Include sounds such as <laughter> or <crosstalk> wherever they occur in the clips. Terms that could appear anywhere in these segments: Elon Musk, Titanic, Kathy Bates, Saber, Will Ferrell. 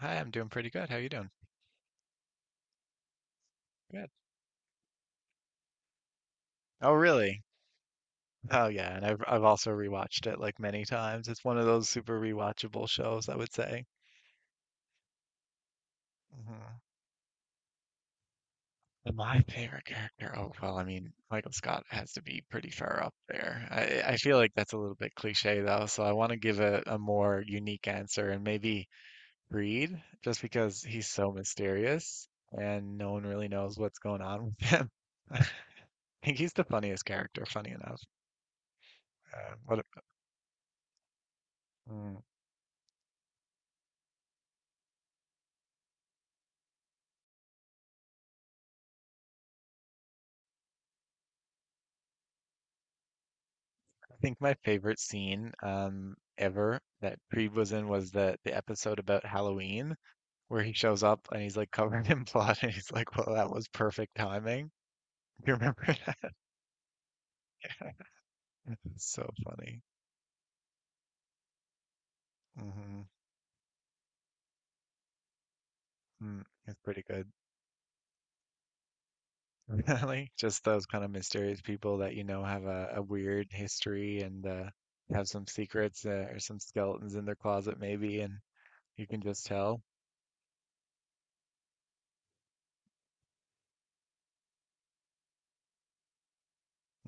Hi, I'm doing pretty good. How you doing? Good. Oh, really? Oh, yeah. And I've also rewatched it like many times. It's one of those super rewatchable shows, I would say. Hmm. And my favorite character. Oh, well, I mean, Michael Scott has to be pretty far up there. I feel like that's a little bit cliche though, so I want to give a more unique answer and maybe Reed, just because he's so mysterious and no one really knows what's going on with him. <laughs> I think he's the funniest character, funny enough. What? I think my favorite scene ever that Creed was in was the episode about Halloween where he shows up and he's like covered in <laughs> blood and he's like, "Well, that was perfect timing." <laughs> Do you remember <laughs> that? It's so funny. Hmm. Mm, it's pretty good. <laughs> Really, just those kind of mysterious people that you know have a weird history and have some secrets or some skeletons in their closet maybe, and you can just tell.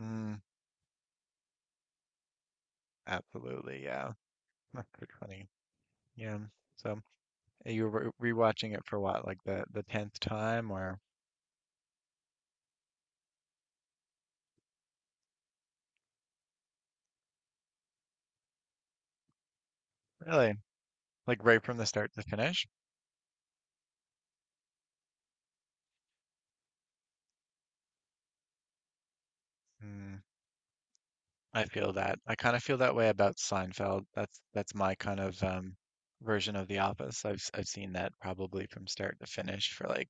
Mm, absolutely, yeah. <laughs> That's pretty funny. Yeah. So. You were rewatching it for what, like the tenth time, or really, like right from the start to finish? Mm, I feel that. I kind of feel that way about Seinfeld. That's my kind of version of The Office. I've I've seen that probably from start to finish for like.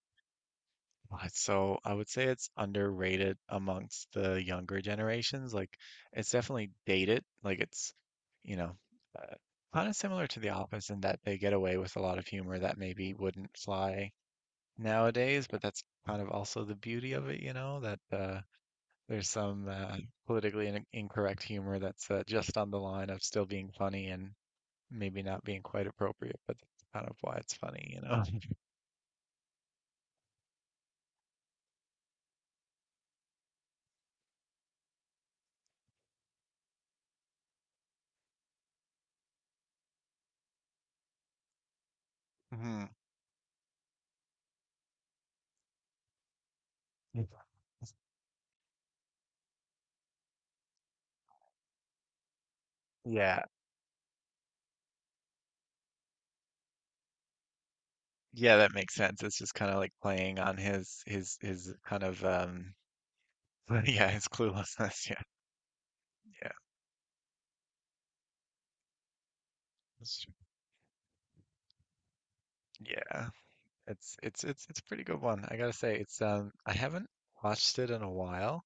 Oh, it's, so I would say it's underrated amongst the younger generations. Like it's definitely dated. Like it's, you know, uh, kind of similar to The Office in that they get away with a lot of humor that maybe wouldn't fly nowadays, but that's kind of also the beauty of it, you know, that there's some politically in incorrect humor that's just on the line of still being funny and maybe not being quite appropriate, but that's kind of why it's funny, you know. Mhm. Yeah, yeah, that makes sense. It's just kind of like playing on his kind of um, <laughs> yeah, his cluelessness. <laughs> Yeah, yeah, that's true. Yeah. It's a pretty good one. I gotta say, it's um, I haven't watched it in a while.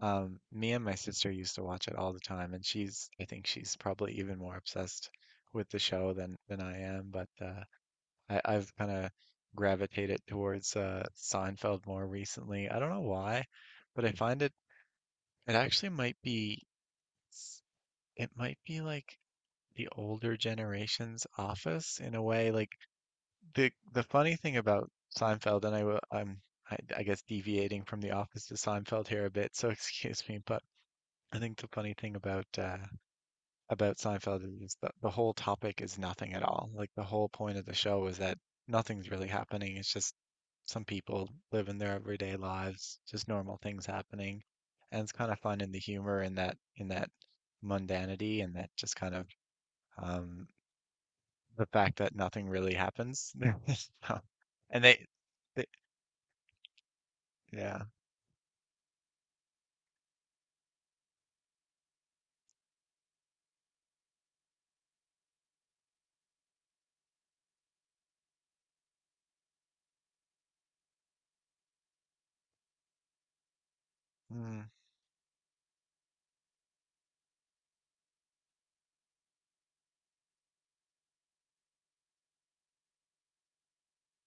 Me and my sister used to watch it all the time, and she's, I think she's probably even more obsessed with the show than I am, but I've kind of gravitated towards Seinfeld more recently. I don't know why, but I find it it actually might be s- it might be like the older generation's Office in a way. Like the funny thing about Seinfeld, and I will I'm I guess deviating from the Office to Seinfeld here a bit, so <laughs> excuse me, but I think the funny thing about Seinfeld is that the whole topic is nothing at all. Like the whole point of the show is that nothing's really happening. It's just some people living their everyday lives, just normal things happening, and it's kind of fun in the humor in that mundanity and that just kind of um, the fact that nothing really happens. <laughs> So- And they yeah.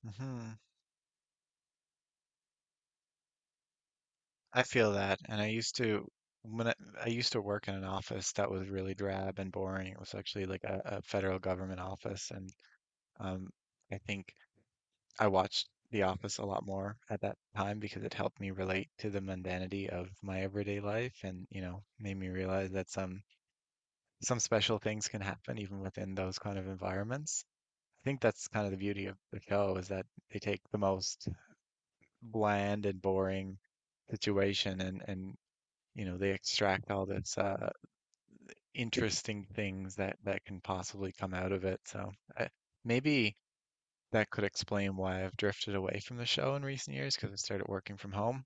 Mm-hmm. I feel that, and I used to when I used to work in an office that was really drab and boring. It was actually like a federal government office, and um, I think I watched The Office a lot more at that time because it helped me relate to the mundanity of my everyday life, and you know, made me realize that some special things can happen even within those kind of environments. I think that's kind of the beauty of the show is that they take the most bland and boring situation and you know they extract all this interesting things that that can possibly come out of it. So I, maybe that could explain why I've drifted away from the show in recent years because I started working from home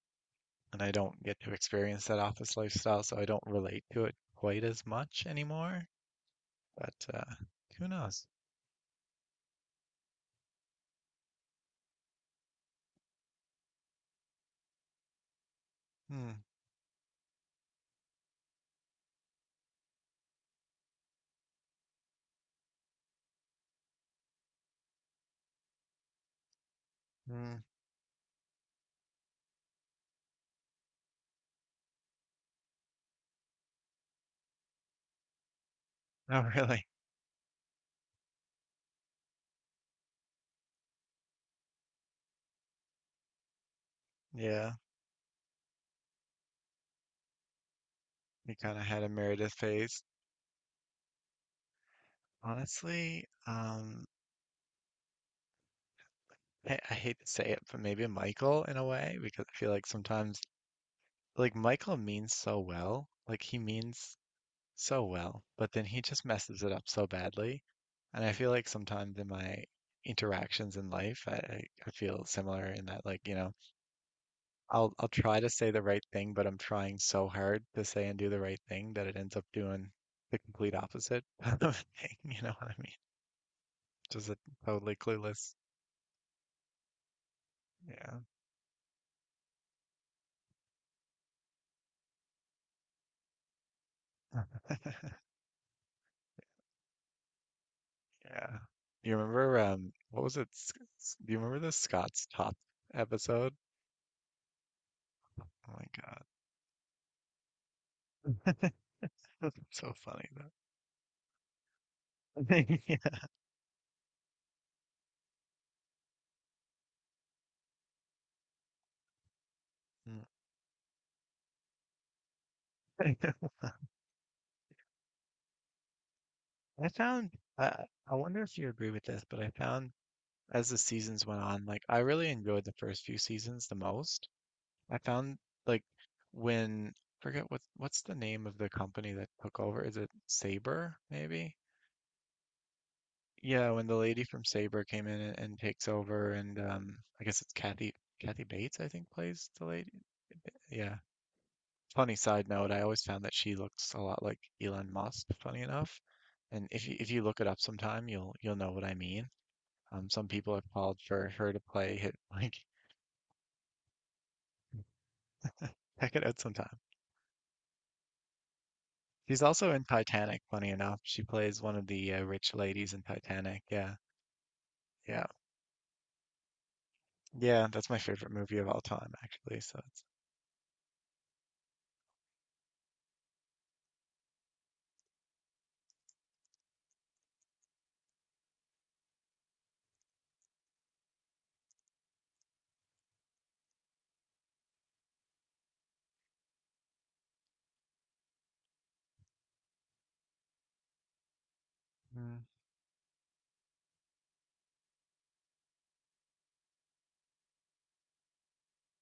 and I don't get to experience that office lifestyle, so I don't relate to it quite as much anymore. But who knows? Hmm. Hmm. <laughs> Not really. Yeah, we kind of had a Meredith phase. Honestly, I hate to say it, but maybe Michael in a way, because I feel like sometimes like Michael means so well, like he means so well, but then he just messes it up so badly. And I feel like sometimes in my interactions in life, I feel similar in that like, you know, I'll try to say the right thing, but I'm trying so hard to say and do the right thing that it ends up doing the complete opposite <laughs> of the thing, you know what I mean? Just a totally clueless. Yeah. <laughs> Yeah. You remember um, what was it? Do you remember the Scott's Top episode? Oh my God. So funny that. <laughs> Yeah. Mm. <laughs> I found I I wonder if you agree with this, but I found as the seasons went on, like I really enjoyed the first few seasons the most. I found like when forget what what's the name of the company that took over? Is it Saber maybe? Yeah, when the lady from Saber came in and takes over, and I guess it's Kathy Bates I think plays the lady. Yeah, funny side note, I always found that she looks a lot like Elon Musk, funny enough. And if you look it up sometime, you'll know what I mean. Some people have called for her to play hit <laughs> like check it out sometime. She's also in Titanic, funny enough. She plays one of the rich ladies in Titanic. Yeah, yeah, yeah. That's my favorite movie of all time, actually. So it's. Mm.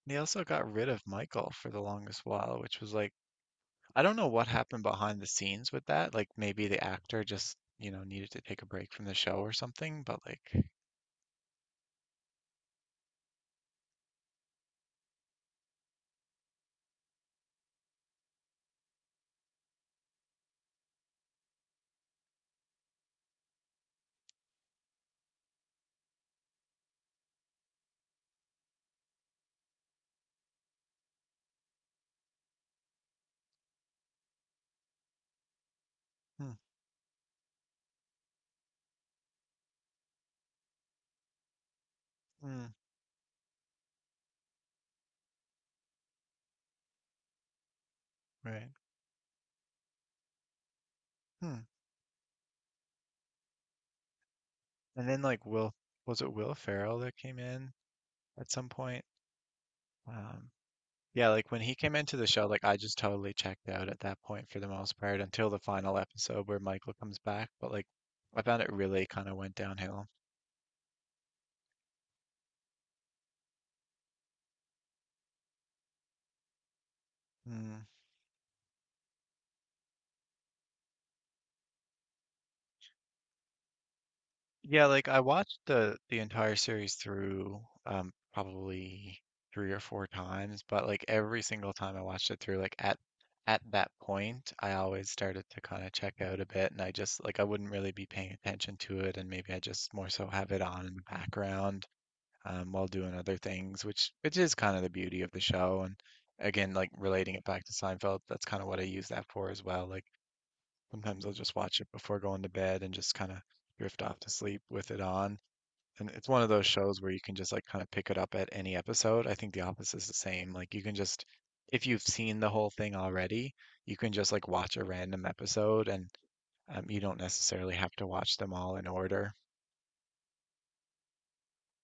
They also got rid of Michael for the longest while, which was like I don't know what happened behind the scenes with that. Like maybe the actor just, you know, needed to take a break from the show or something, but like hmm, hmm, right. Hmm. And then like Will was it Will Ferrell that came in at some point? Um, yeah, like when he came into the show, like I just totally checked out at that point for the most part until the final episode where Michael comes back, but like I found it really kind of went downhill. Hmm. Yeah, like I watched the entire series through um, probably three or four times, but like every single time I watched it through, like at that point, I always started to kind of check out a bit and I just like I wouldn't really be paying attention to it and maybe I just more so have it on in the background um, while doing other things, which is kind of the beauty of the show and again like relating it back to Seinfeld, that's kind of what I use that for as well. Like sometimes I'll just watch it before going to bed and just kind of drift off to sleep with it on. And it's one of those shows where you can just like kind of pick it up at any episode. I think The Office is the same. Like you can just if you've seen the whole thing already, you can just like watch a random episode and you don't necessarily have to watch them all in order.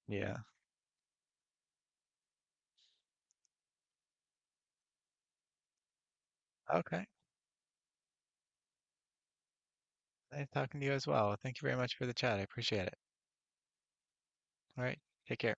Yeah. Okay. Nice talking to you as well. Thank you very much for the chat. I appreciate it. All right. Take care.